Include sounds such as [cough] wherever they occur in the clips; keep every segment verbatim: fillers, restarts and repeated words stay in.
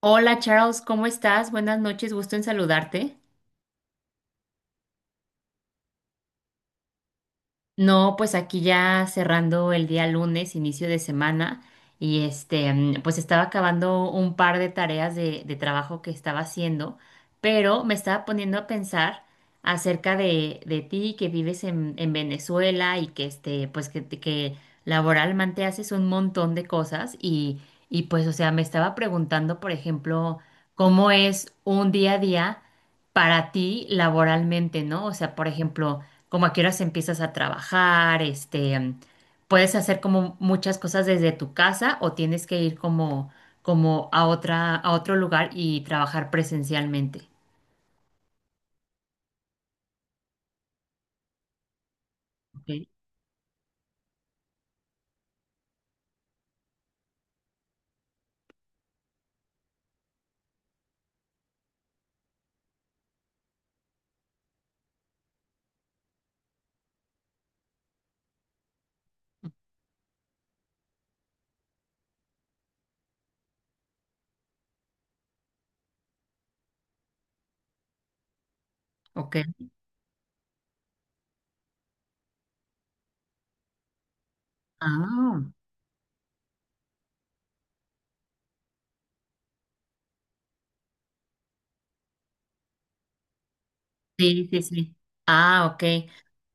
Hola Charles, ¿cómo estás? Buenas noches, gusto en saludarte. No, pues aquí ya cerrando el día lunes, inicio de semana, y este, mm, pues estaba acabando un par de tareas de, de trabajo que estaba haciendo, pero me estaba poniendo a pensar acerca de, de ti que vives en, en Venezuela y que este, pues que, que laboralmente haces un montón de cosas y, y pues, o sea, me estaba preguntando, por ejemplo, cómo es un día a día para ti laboralmente, ¿no? O sea, por ejemplo, como a qué horas empiezas a trabajar, este, em, puedes hacer como muchas cosas desde tu casa o tienes que ir como, como a otra, a otro lugar y trabajar presencialmente. Ok, ok. Ah, sí, sí, sí. Ah, ok.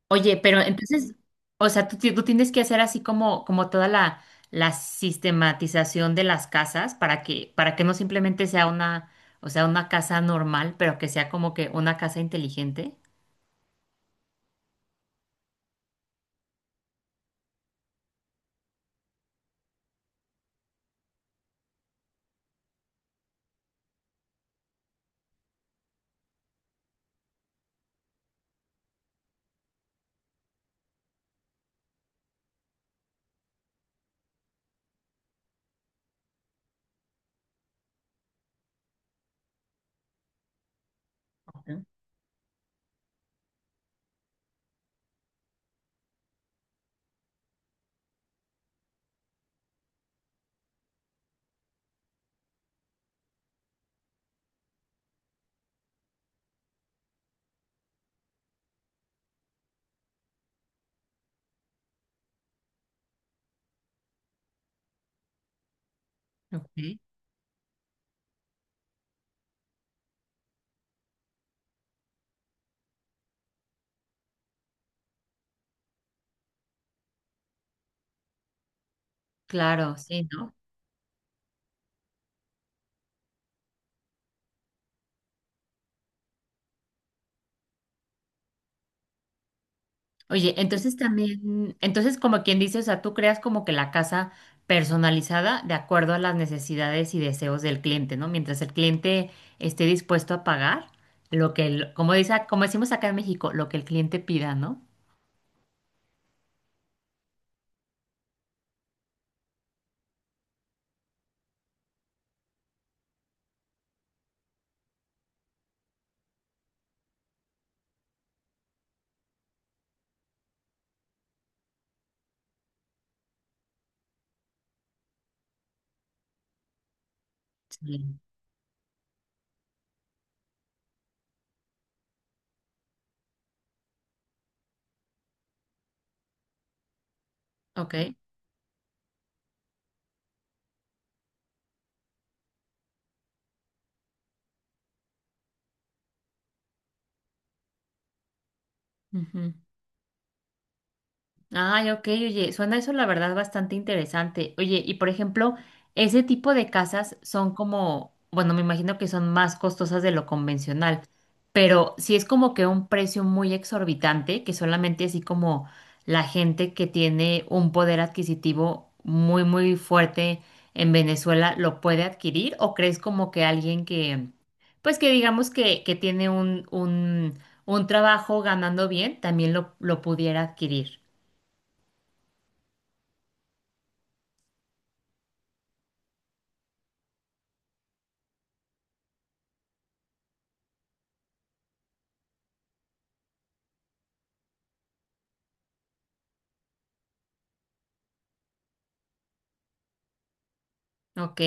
Oye, pero entonces, o sea, tú, ti- tú tienes que hacer así como, como toda la, la sistematización de las casas para que, para que no simplemente sea una, o sea, una casa normal, pero que sea como que una casa inteligente. Ok. Ok. Claro, sí, ¿no? Oye, entonces también, entonces como quien dice, o sea, tú creas como que la casa personalizada de acuerdo a las necesidades y deseos del cliente, ¿no? Mientras el cliente esté dispuesto a pagar lo que, el- como dice, como decimos acá en México, lo que el cliente pida, ¿no? Sí. Ok. Ujú. Ay, ok, oye, suena eso la verdad bastante interesante. Oye, y por ejemplo, ese tipo de casas son como, bueno, me imagino que son más costosas de lo convencional, pero si es como que un precio muy exorbitante, que solamente así como la gente que tiene un poder adquisitivo muy, muy fuerte en Venezuela lo puede adquirir, ¿o crees como que alguien que, pues que digamos que, que tiene un, un, un trabajo ganando bien, también lo, lo pudiera adquirir? Ok,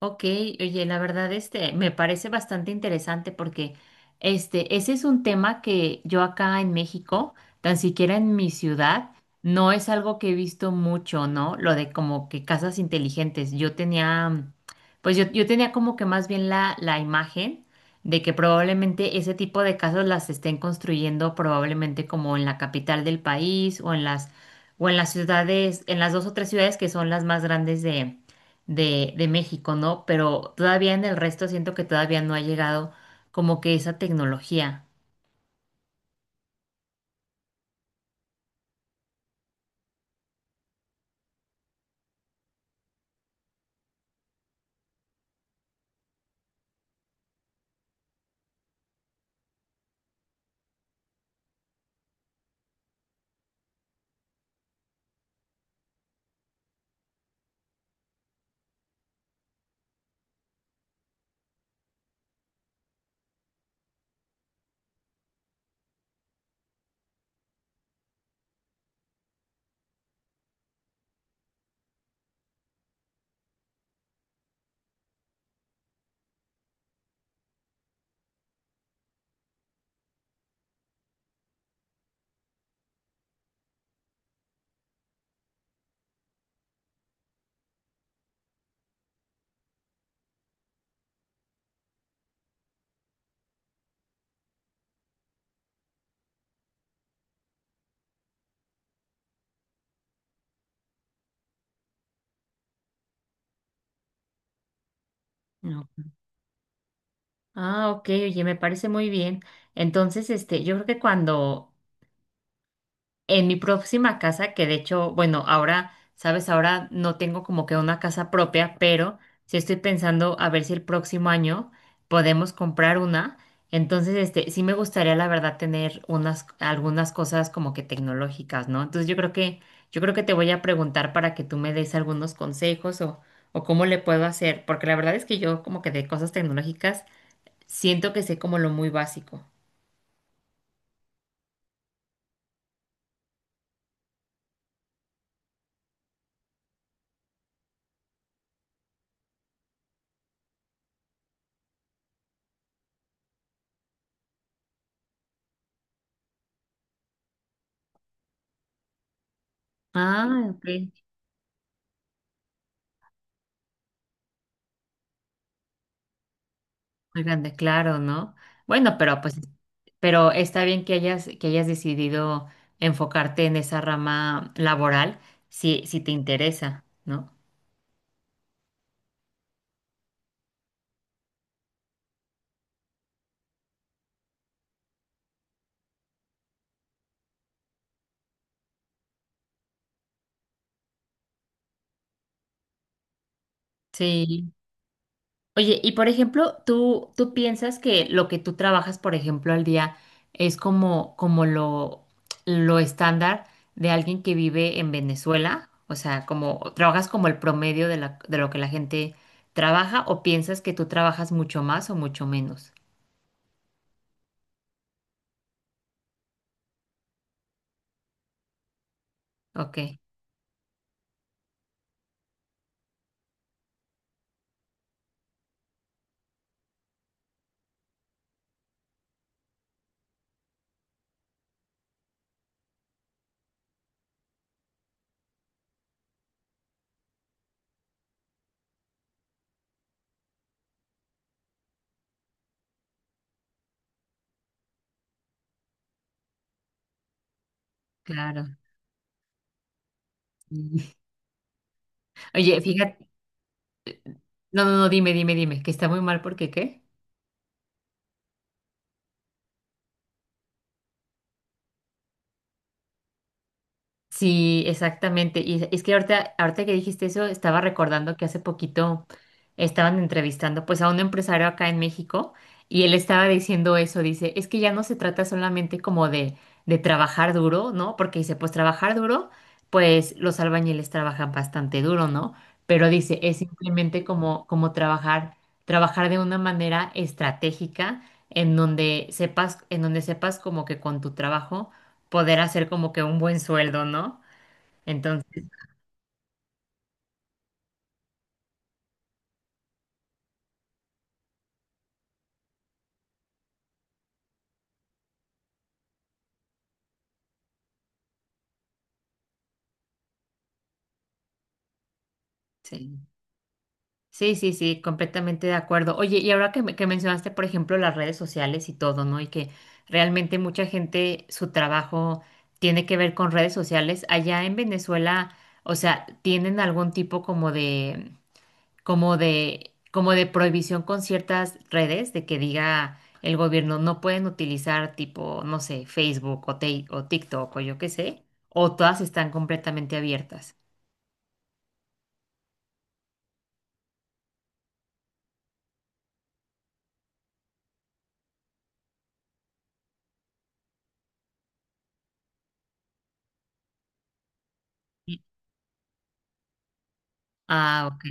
ok, oye, la verdad este me parece bastante interesante porque este ese es un tema que yo acá en México, tan siquiera en mi ciudad, no es algo que he visto mucho, ¿no? Lo de como que casas inteligentes. Yo tenía, mm, pues yo, yo tenía como que más bien la, la imagen de que probablemente ese tipo de casas las estén construyendo probablemente como en la capital del país o en las o en las ciudades, en las dos o tres ciudades que son las más grandes de, de México, ¿no? Pero todavía en el resto siento que todavía no ha llegado como que esa tecnología. No. Ah, ok, oye, me parece muy bien. Entonces, este, yo creo que cuando en mi próxima casa, que de hecho, bueno, ahora, sabes, ahora no tengo como que una casa propia, pero sí estoy pensando a ver si el próximo año podemos comprar una. Entonces, este, sí me gustaría, la verdad, tener unas, algunas cosas como que tecnológicas, ¿no? Entonces, yo creo que, yo creo que te voy a preguntar para que tú me des algunos consejos o, o cómo le puedo hacer, porque la verdad es que yo como que de cosas tecnológicas siento que sé como lo muy básico. Ah, ok. Muy grande, claro, ¿no? Bueno, pero pues, pero está bien que hayas, que hayas decidido enfocarte en esa rama laboral, si, si te interesa, ¿no? Sí. Oye, y por ejemplo, ¿tú, tú piensas que lo que tú trabajas, por ejemplo, al día es como, como lo, lo estándar de alguien que vive en Venezuela? O sea, como, ¿trabajas como el promedio de la, de lo que la gente trabaja o piensas que tú trabajas mucho más o mucho menos? Ok, claro. [laughs] Oye, fíjate, no, no, no, dime, dime, dime, que está muy mal porque ¿qué? Sí, exactamente. Y es que ahorita, ahorita que dijiste eso, estaba recordando que hace poquito estaban entrevistando pues a un empresario acá en México y él estaba diciendo eso, dice, es que ya no se trata solamente como de, de trabajar duro, ¿no? Porque dice, pues trabajar duro, pues los albañiles trabajan bastante duro, ¿no? Pero dice, es simplemente como, como trabajar, trabajar de una manera estratégica en donde sepas, en donde sepas como que con tu trabajo poder hacer como que un buen sueldo, ¿no? Entonces, sí. Sí, sí, sí, completamente de acuerdo. Oye, y ahora que, me- que mencionaste, por ejemplo, las redes sociales y todo, ¿no? Y que realmente mucha gente, su trabajo tiene que ver con redes sociales. Allá en Venezuela, o sea, ¿tienen algún tipo como de, como de, como de prohibición con ciertas redes de que diga el gobierno no pueden utilizar tipo, no sé, Facebook o, Ti- o TikTok o yo qué sé? ¿O todas están completamente abiertas? Ah, ok.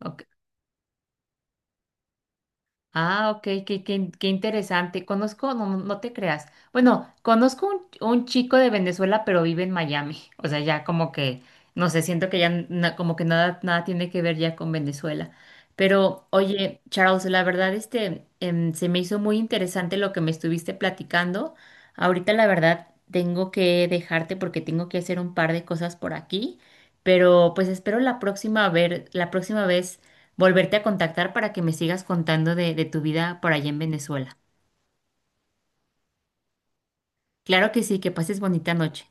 Ok. Ah, ok, qué, qué- qué interesante. Conozco, no, no no te creas. Bueno, conozco un, un chico de Venezuela, pero vive en Miami. O sea, ya como que, no sé, siento que ya na- como que nada, nada tiene que ver ya con Venezuela. Pero, oye, Charles, la verdad, este, em, se me hizo muy interesante lo que me estuviste platicando. Ahorita, la verdad, tengo que dejarte porque tengo que hacer un par de cosas por aquí. Pero, pues espero la próxima ver, la próxima vez volverte a contactar para que me sigas contando de, de tu vida por allá en Venezuela. Claro que sí, que pases bonita noche.